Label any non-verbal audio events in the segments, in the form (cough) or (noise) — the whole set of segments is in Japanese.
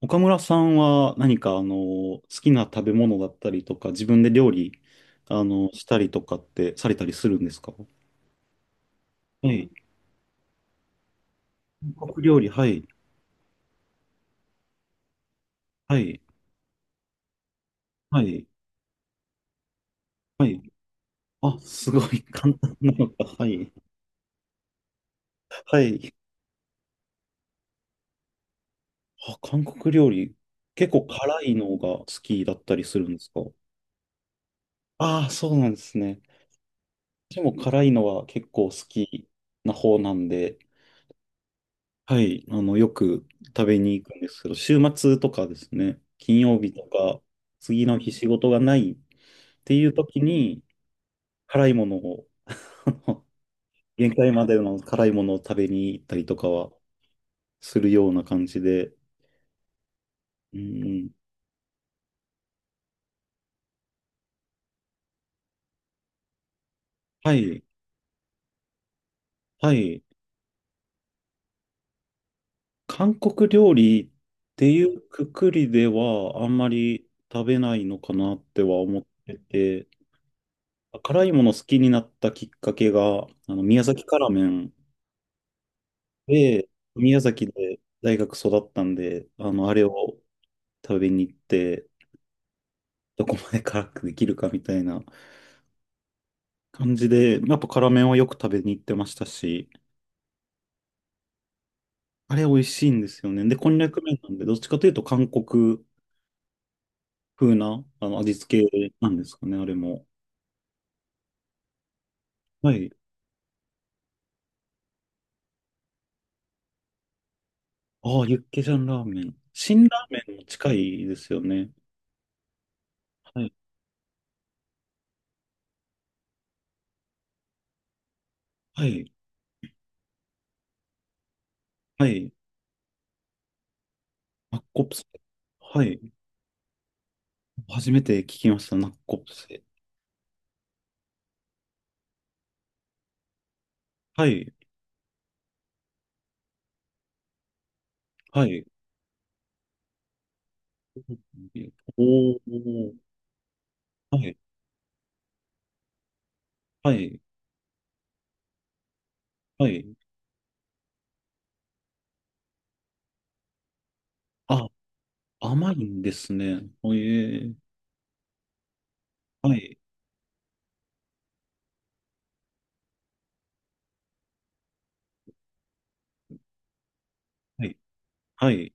岡村さんは何か好きな食べ物だったりとか自分で料理したりとかってされたりするんですか？はい。韓国料理、はい。はい。はい。はい。あ、すごい (laughs) 簡単なのか。はい。はい。あ、韓国料理、結構辛いのが好きだったりするんですか？ああー、そうなんですね。私も辛いのは結構好きな方なんで、はい、よく食べに行くんですけど、週末とかですね、金曜日とか、次の日仕事がないっていう時に、辛いものを、(laughs) 限界までの辛いものを食べに行ったりとかはするような感じで、うん、はい、はい。韓国料理っていうくくりではあんまり食べないのかなっては思ってて、辛いもの好きになったきっかけが、宮崎辛麺で、宮崎で大学育ったんで、あれを食べに行って、どこまで辛くできるかみたいな感じで、やっぱ辛麺はよく食べに行ってましたし、あれ美味しいんですよね。で、こんにゃく麺なんで、どっちかというと韓国風な味付けなんですかね、あれも。はい。ああ、ユッケジャンラーメン。辛ラーメンも近いですよね。はい。はい。はい。ナッコプセ。はい。初めて聞きました、ナッコプセ。はい。はい。おおー、はい、はい、はい。あ、甘いんですね。おえー、はい、はい、はい。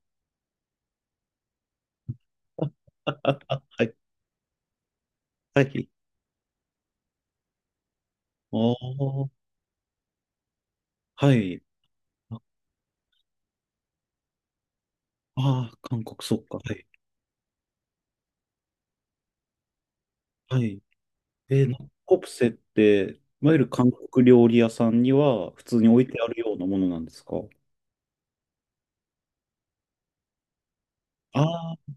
(laughs) はい、はい。おー、はい。ああー、韓国、そっか。はい、はい。えー、ナッコプセって、いわゆる韓国料理屋さんには普通に置いてあるようなものなんですか？ああ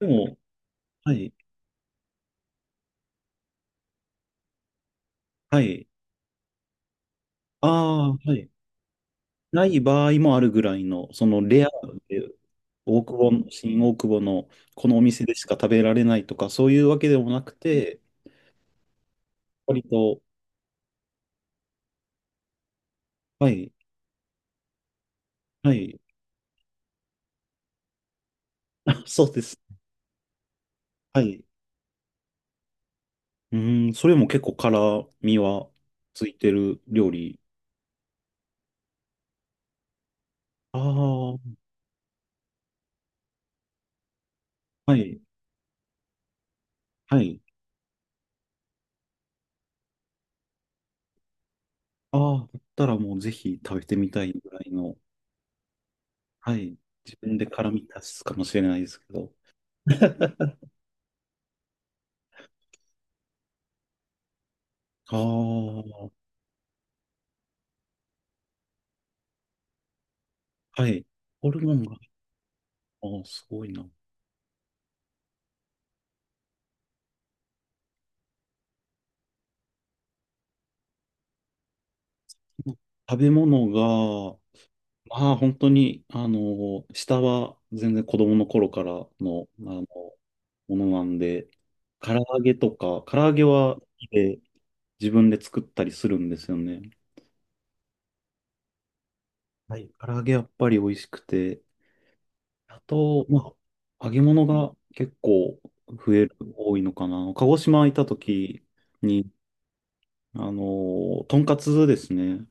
ー、でも、はい、はい。ああ、はい。ない場合もあるぐらいの、そのレアで大久保の、新大久保のこのお店でしか食べられないとか、そういうわけでもなくて、割と、はい、はい、あそうです。はい。うーん、それも結構辛みはついてる料理。ああ、はい、はい。ああ、だったらもうぜひ食べてみたいぐらいの、はい。自分で辛み足すかもしれないですけど。(laughs) ああ、はい。ホルモンが、ああ、すごいな。食べ物が、まあ、本当に、下は全然子供の頃からの、の、ものなんで、唐揚げとか、唐揚げは好きで自分で作ったりするんですよね。はい。唐揚げやっぱり美味しくて、あと、まあ、揚げ物が結構増える、多いのかな。鹿児島行った時に、とんかつですね、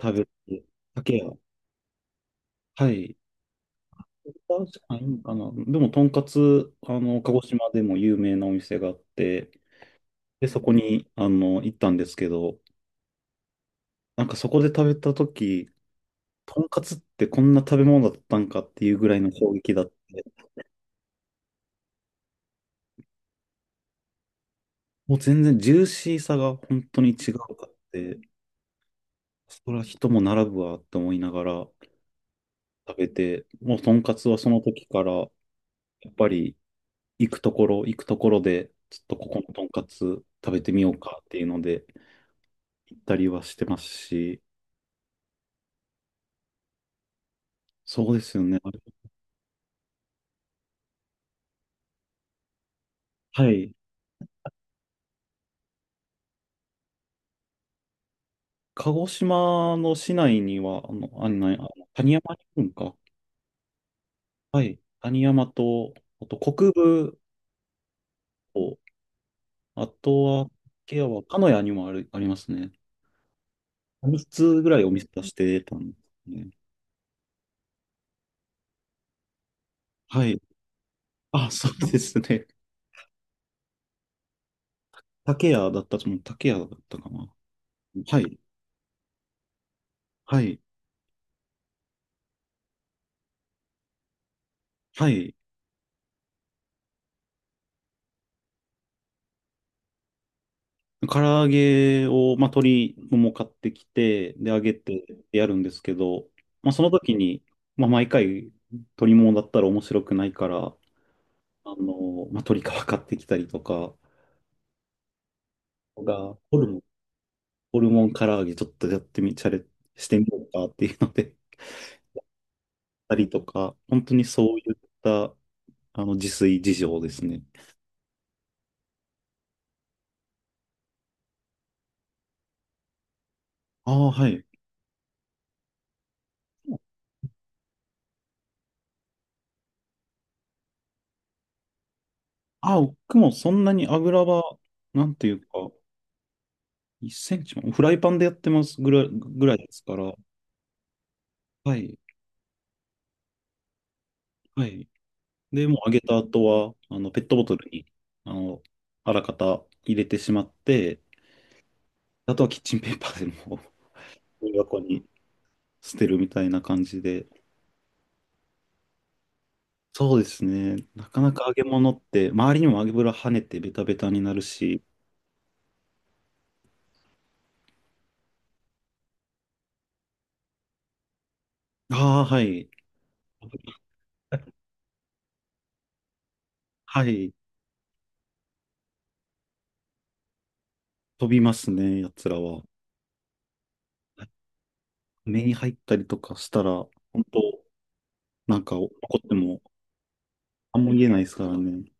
食べて、鮭や、はい、確かにいいんかな。でも、とんかつ、鹿児島でも有名なお店があって、で、そこに、行ったんですけど、なんかそこで食べた時とんかつってこんな食べ物だったんかっていうぐらいの衝撃だって、もう全然ジューシーさが本当に違うかって、それは人も並ぶわって思いながら食べて、もうとんかつはその時から、やっぱり行くところ、行くところで、ちょっとここのとんかつ食べてみようかっていうので、行ったりはしてますし、そうですよね。あれはい。鹿児島の市内には、あの、あんな、あの谷山に行くんか。はい。谷山と、あと国分と、あとは、ケアは、鹿屋にもある、ありますね。3つぐらいお店出してたんですね。はい。あ、そうですね。竹屋だったと思う。竹屋だったかな。はい。はい。はい。唐揚げを、まあ、鶏もも買ってきて、で、揚げてやるんですけど、まあ、その時に、まあ、毎回、鶏ももだったら面白くないから、まあ、鶏皮買ってきたりとかが、ホルモン唐揚げちょっとやってみ、チャレしてみようかっていうので、たりとか、本当にそういった、自炊事情ですね。ああ、はい。あ、僕もそんなに油は、なんていうか、1センチも、フライパンでやってますぐらい、ぐらいですから、はい、はい。で、もうあげた後は、ペットボトルに、あの、あらかた入れてしまって、あとはキッチンペーパーでもうゴミ箱に捨てるみたいな感じで。そうですね。なかなか揚げ物って、周りにも油跳ねてベタベタになるし、ああ、はい。はい。飛びますね、やつらは。目に入ったりとかしたら、本当なんか怒っても、あんま言えないですからね。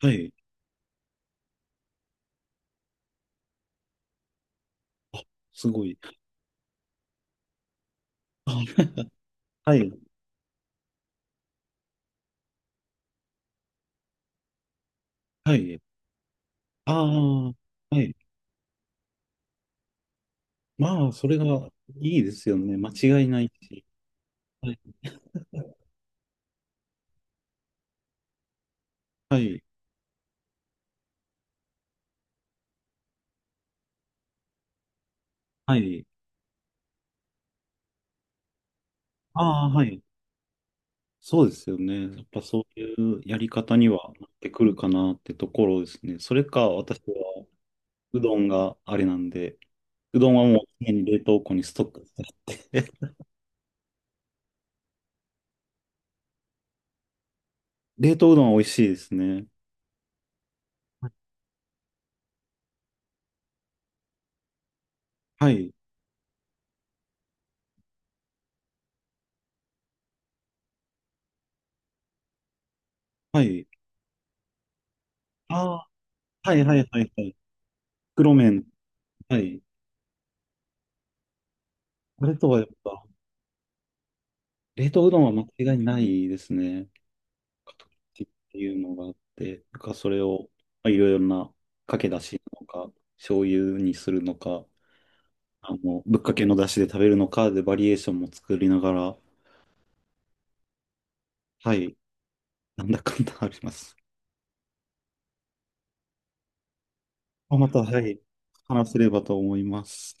はい。すごい。あ (laughs) はい。はい。ああ、はい。まあ、それがいいですよね。間違いないし。はい。はい。はい。ああ、はい。そうですよね。やっぱそういうやり方にはなってくるかなってところですね。それか、私は、うどんがあれなんで、うどんはもう常に冷凍庫にストックしてあって。 (laughs) 冷凍うどんは美味しいですね。はい。はい。ああ、はいはいはいはい。袋麺。はい。あれとはやっぱ、冷凍うどんは間違いないですね。形っていうのがあって、なんかそれをまあいろいろなかけだしなのか、醤油にするのか、ぶっかけのだしで食べるのかでバリエーションも作りながら、はい、なんだかんだあります。まあまた、はい、話せればと思います。